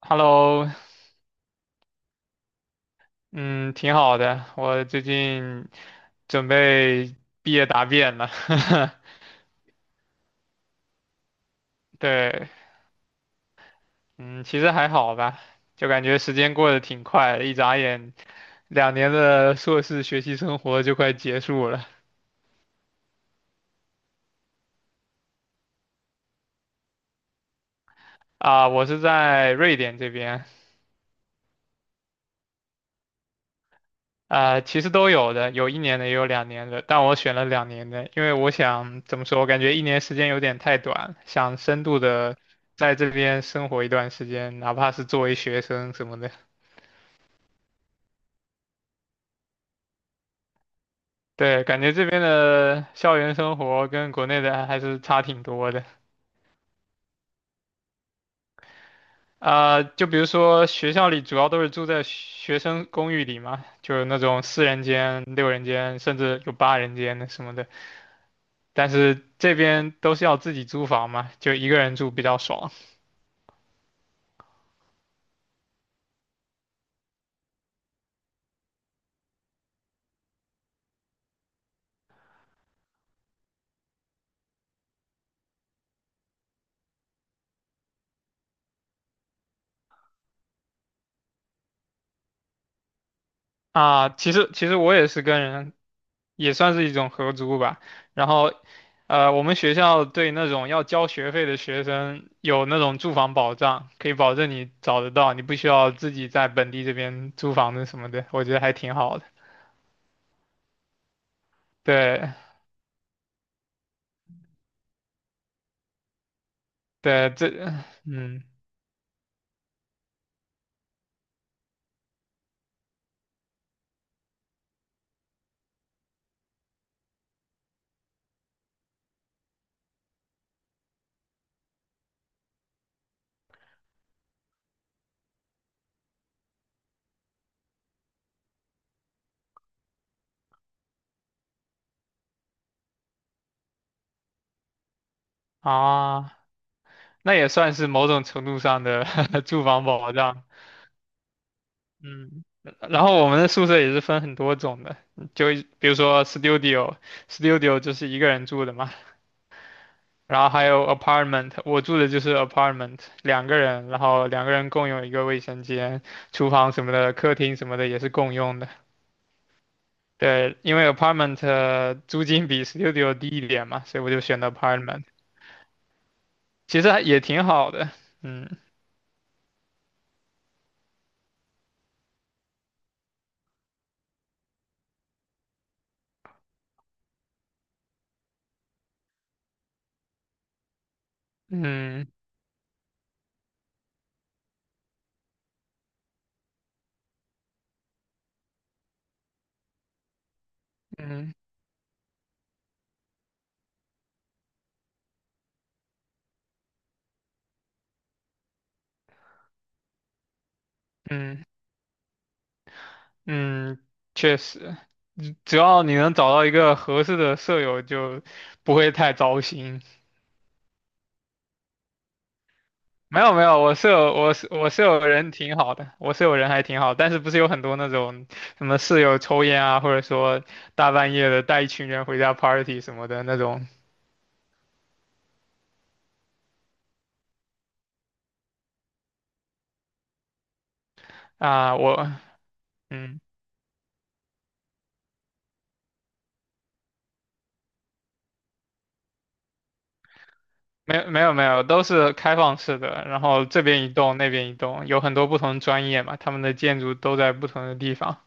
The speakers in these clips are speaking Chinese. Hello，嗯，挺好的。我最近准备毕业答辩了。对，嗯，其实还好吧，就感觉时间过得挺快的，一眨眼，两年的硕士学习生活就快结束了。啊，我是在瑞典这边。啊，其实都有的，有一年的，也有两年的，但我选了两年的。因为我想怎么说，我感觉一年时间有点太短，想深度的在这边生活一段时间，哪怕是作为学生什么的。对，感觉这边的校园生活跟国内的还是差挺多的。啊，就比如说学校里主要都是住在学生公寓里嘛，就是那种四人间、六人间，甚至有八人间的什么的。但是这边都是要自己租房嘛，就一个人住比较爽。啊，其实我也是跟人，也算是一种合租吧。然后，我们学校对那种要交学费的学生有那种住房保障，可以保证你找得到，你不需要自己在本地这边租房子什么的，我觉得还挺好的。对对，这嗯啊，那也算是某种程度上的 住房保障。嗯，然后我们的宿舍也是分很多种的，就比如说 studio，studio 就是一个人住的嘛。然后还有 apartment，我住的就是 apartment，两个人，然后两个人共用一个卫生间，厨房什么的，客厅什么的也是共用的。对，因为 apartment 租金比 studio 低一点嘛，所以我就选的 apartment，其实还也挺好的。嗯，嗯，嗯，嗯，嗯，确实，只要你能找到一个合适的舍友，就不会太糟心。没有没有，我舍友人挺好的，我舍友人还挺好，但是不是有很多那种什么室友抽烟啊，或者说大半夜的带一群人回家 party 什么的那种啊。嗯没有没有没有，都是开放式的，然后这边一栋那边一栋，有很多不同专业嘛，他们的建筑都在不同的地方。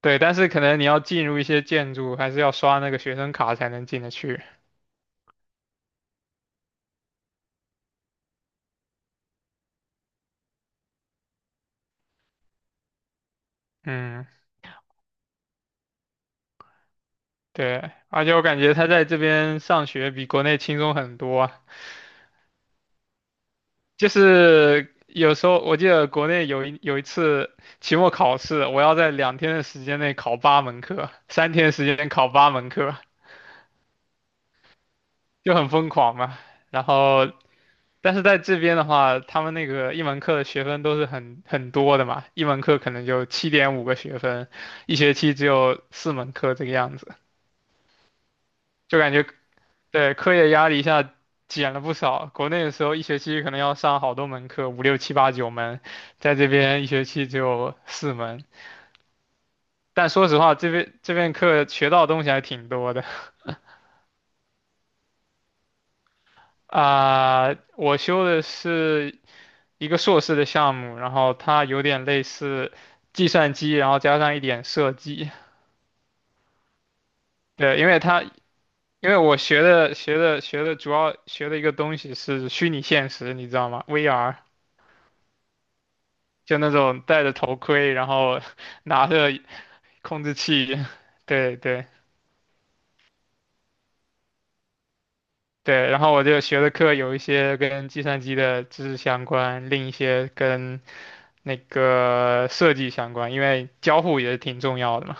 对，但是可能你要进入一些建筑，还是要刷那个学生卡才能进得去。嗯。对，而且我感觉他在这边上学比国内轻松很多啊。就是有时候我记得国内有一次期末考试，我要在2天的时间内考八门课，3天时间考八门课，就很疯狂嘛。然后，但是在这边的话，他们那个一门课的学分都是很多的嘛，一门课可能就7.5个学分，一学期只有四门课这个样子，就感觉对课业压力一下减了不少。国内的时候一学期可能要上好多门课，五六七八九门，在这边一学期只有四门。但说实话，这边这边课学到的东西还挺多的。啊，我修的是一个硕士的项目，然后它有点类似计算机，然后加上一点设计。对，因为它因为我学的学的学的主要学的一个东西是虚拟现实，你知道吗？VR，就那种戴着头盔，然后 拿着控制器，对对。对，然后我就学的课有一些跟计算机的知识相关，另一些跟那个设计相关，因为交互也是挺重要的嘛。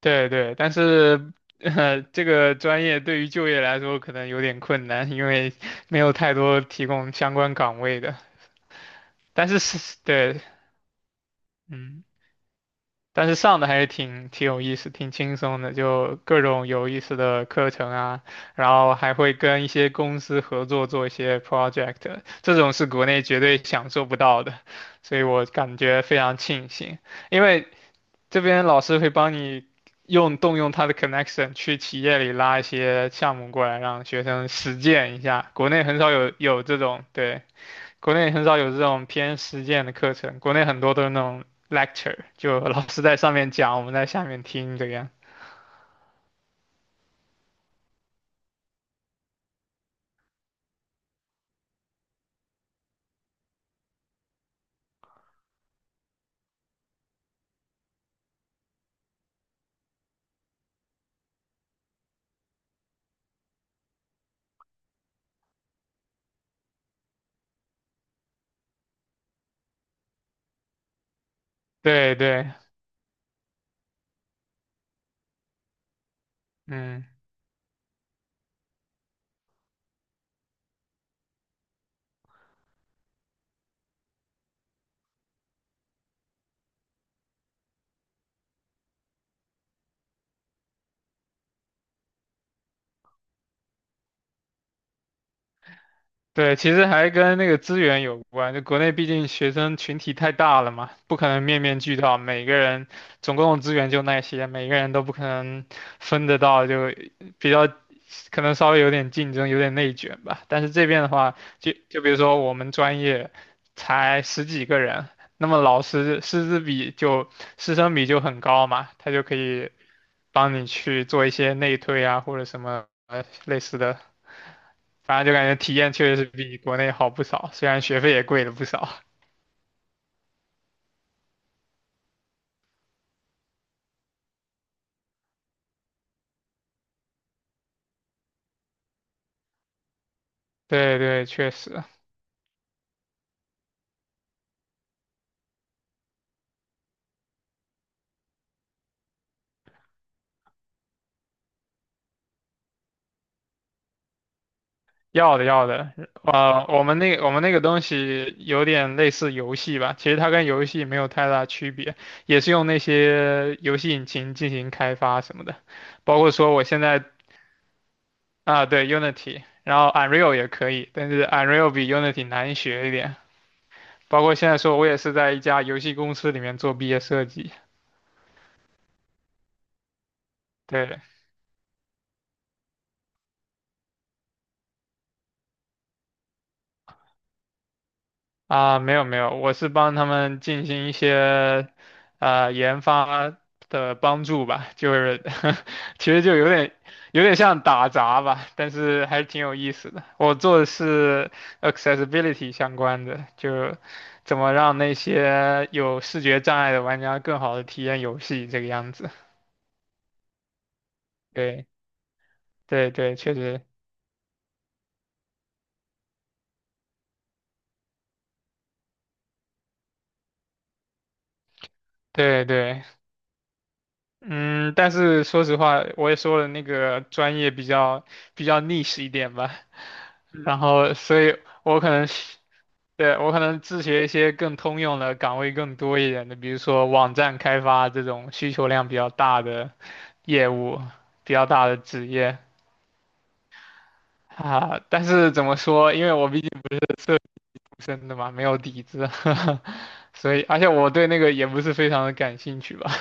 对对，但是这个专业对于就业来说可能有点困难，因为 没有太多提供相关岗位的。但是是，对，嗯，但是上的还是挺有意思，挺轻松的，就各种有意思的课程啊，然后还会跟一些公司合作做一些 project，这种是国内绝对享受不到的，所以我感觉非常庆幸。因为这边老师会帮你用动用他的 connection 去企业里拉一些项目过来，让学生实践一下。国内很少有这种，对，国内很少有这种偏实践的课程，国内很多都是那种 lecture，就老师在上面讲，我们在下面听这个样。对对。嗯。对，其实还跟那个资源有关。就国内毕竟学生群体太大了嘛，不可能面面俱到，每个人总共的资源就那些，每个人都不可能分得到，就比较可能稍微有点竞争，有点内卷吧。但是这边的话，就比如说我们专业才十几个人，那么老师师资比就师生比就很高嘛，他就可以帮你去做一些内推啊，或者什么类似的。反正就感觉体验确实是比国内好不少，虽然学费也贵了不少。对对，确实。要的要的，我们那个东西有点类似游戏吧，其实它跟游戏没有太大区别，也是用那些游戏引擎进行开发什么的，包括说我现在啊，对 Unity，然后 Unreal 也可以，但是 Unreal 比 Unity 难学一点，包括现在说我也是在一家游戏公司里面做毕业设计。对，啊，没有没有，我是帮他们进行一些研发的帮助吧，就是 其实就有点像打杂吧，但是还是挺有意思的。我做的是 accessibility 相关的，就怎么让那些有视觉障碍的玩家更好的体验游戏这个样子。对对对，确实，对对。嗯，但是说实话，我也说了那个专业比较 niche 一点吧，然后所以我可能是对，我可能自学一些更通用的岗位更多一点的，比如说网站开发这种需求量比较大的业务，比较大的职业啊。但是怎么说，因为我毕竟不是社畜生的嘛，没有底子，所以而且我对那个也不是非常的感兴趣吧。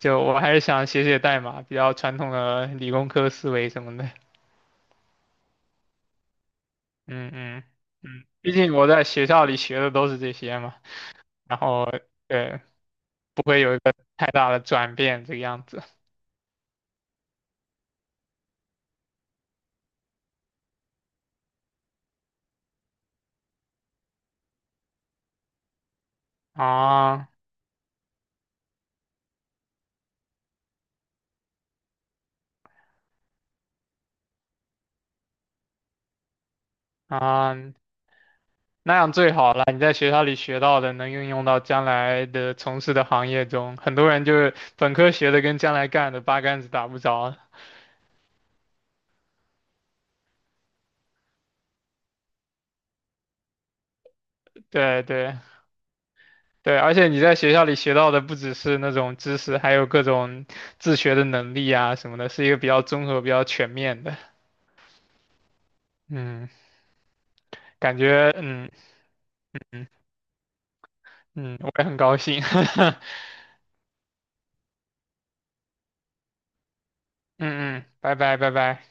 就我还是想写写代码，比较传统的理工科思维什么的。嗯，嗯，嗯，毕竟我在学校里学的都是这些嘛，然后对，不会有一个太大的转变这个样子。啊，啊，那样最好了。你在学校里学到的能运用到将来的从事的行业中，很多人就是本科学的跟将来干的八竿子打不着。对对。对，而且你在学校里学到的不只是那种知识，还有各种自学的能力啊什么的，是一个比较综合、比较全面的。嗯，感觉嗯嗯嗯，我也很高兴。嗯嗯，拜拜拜拜。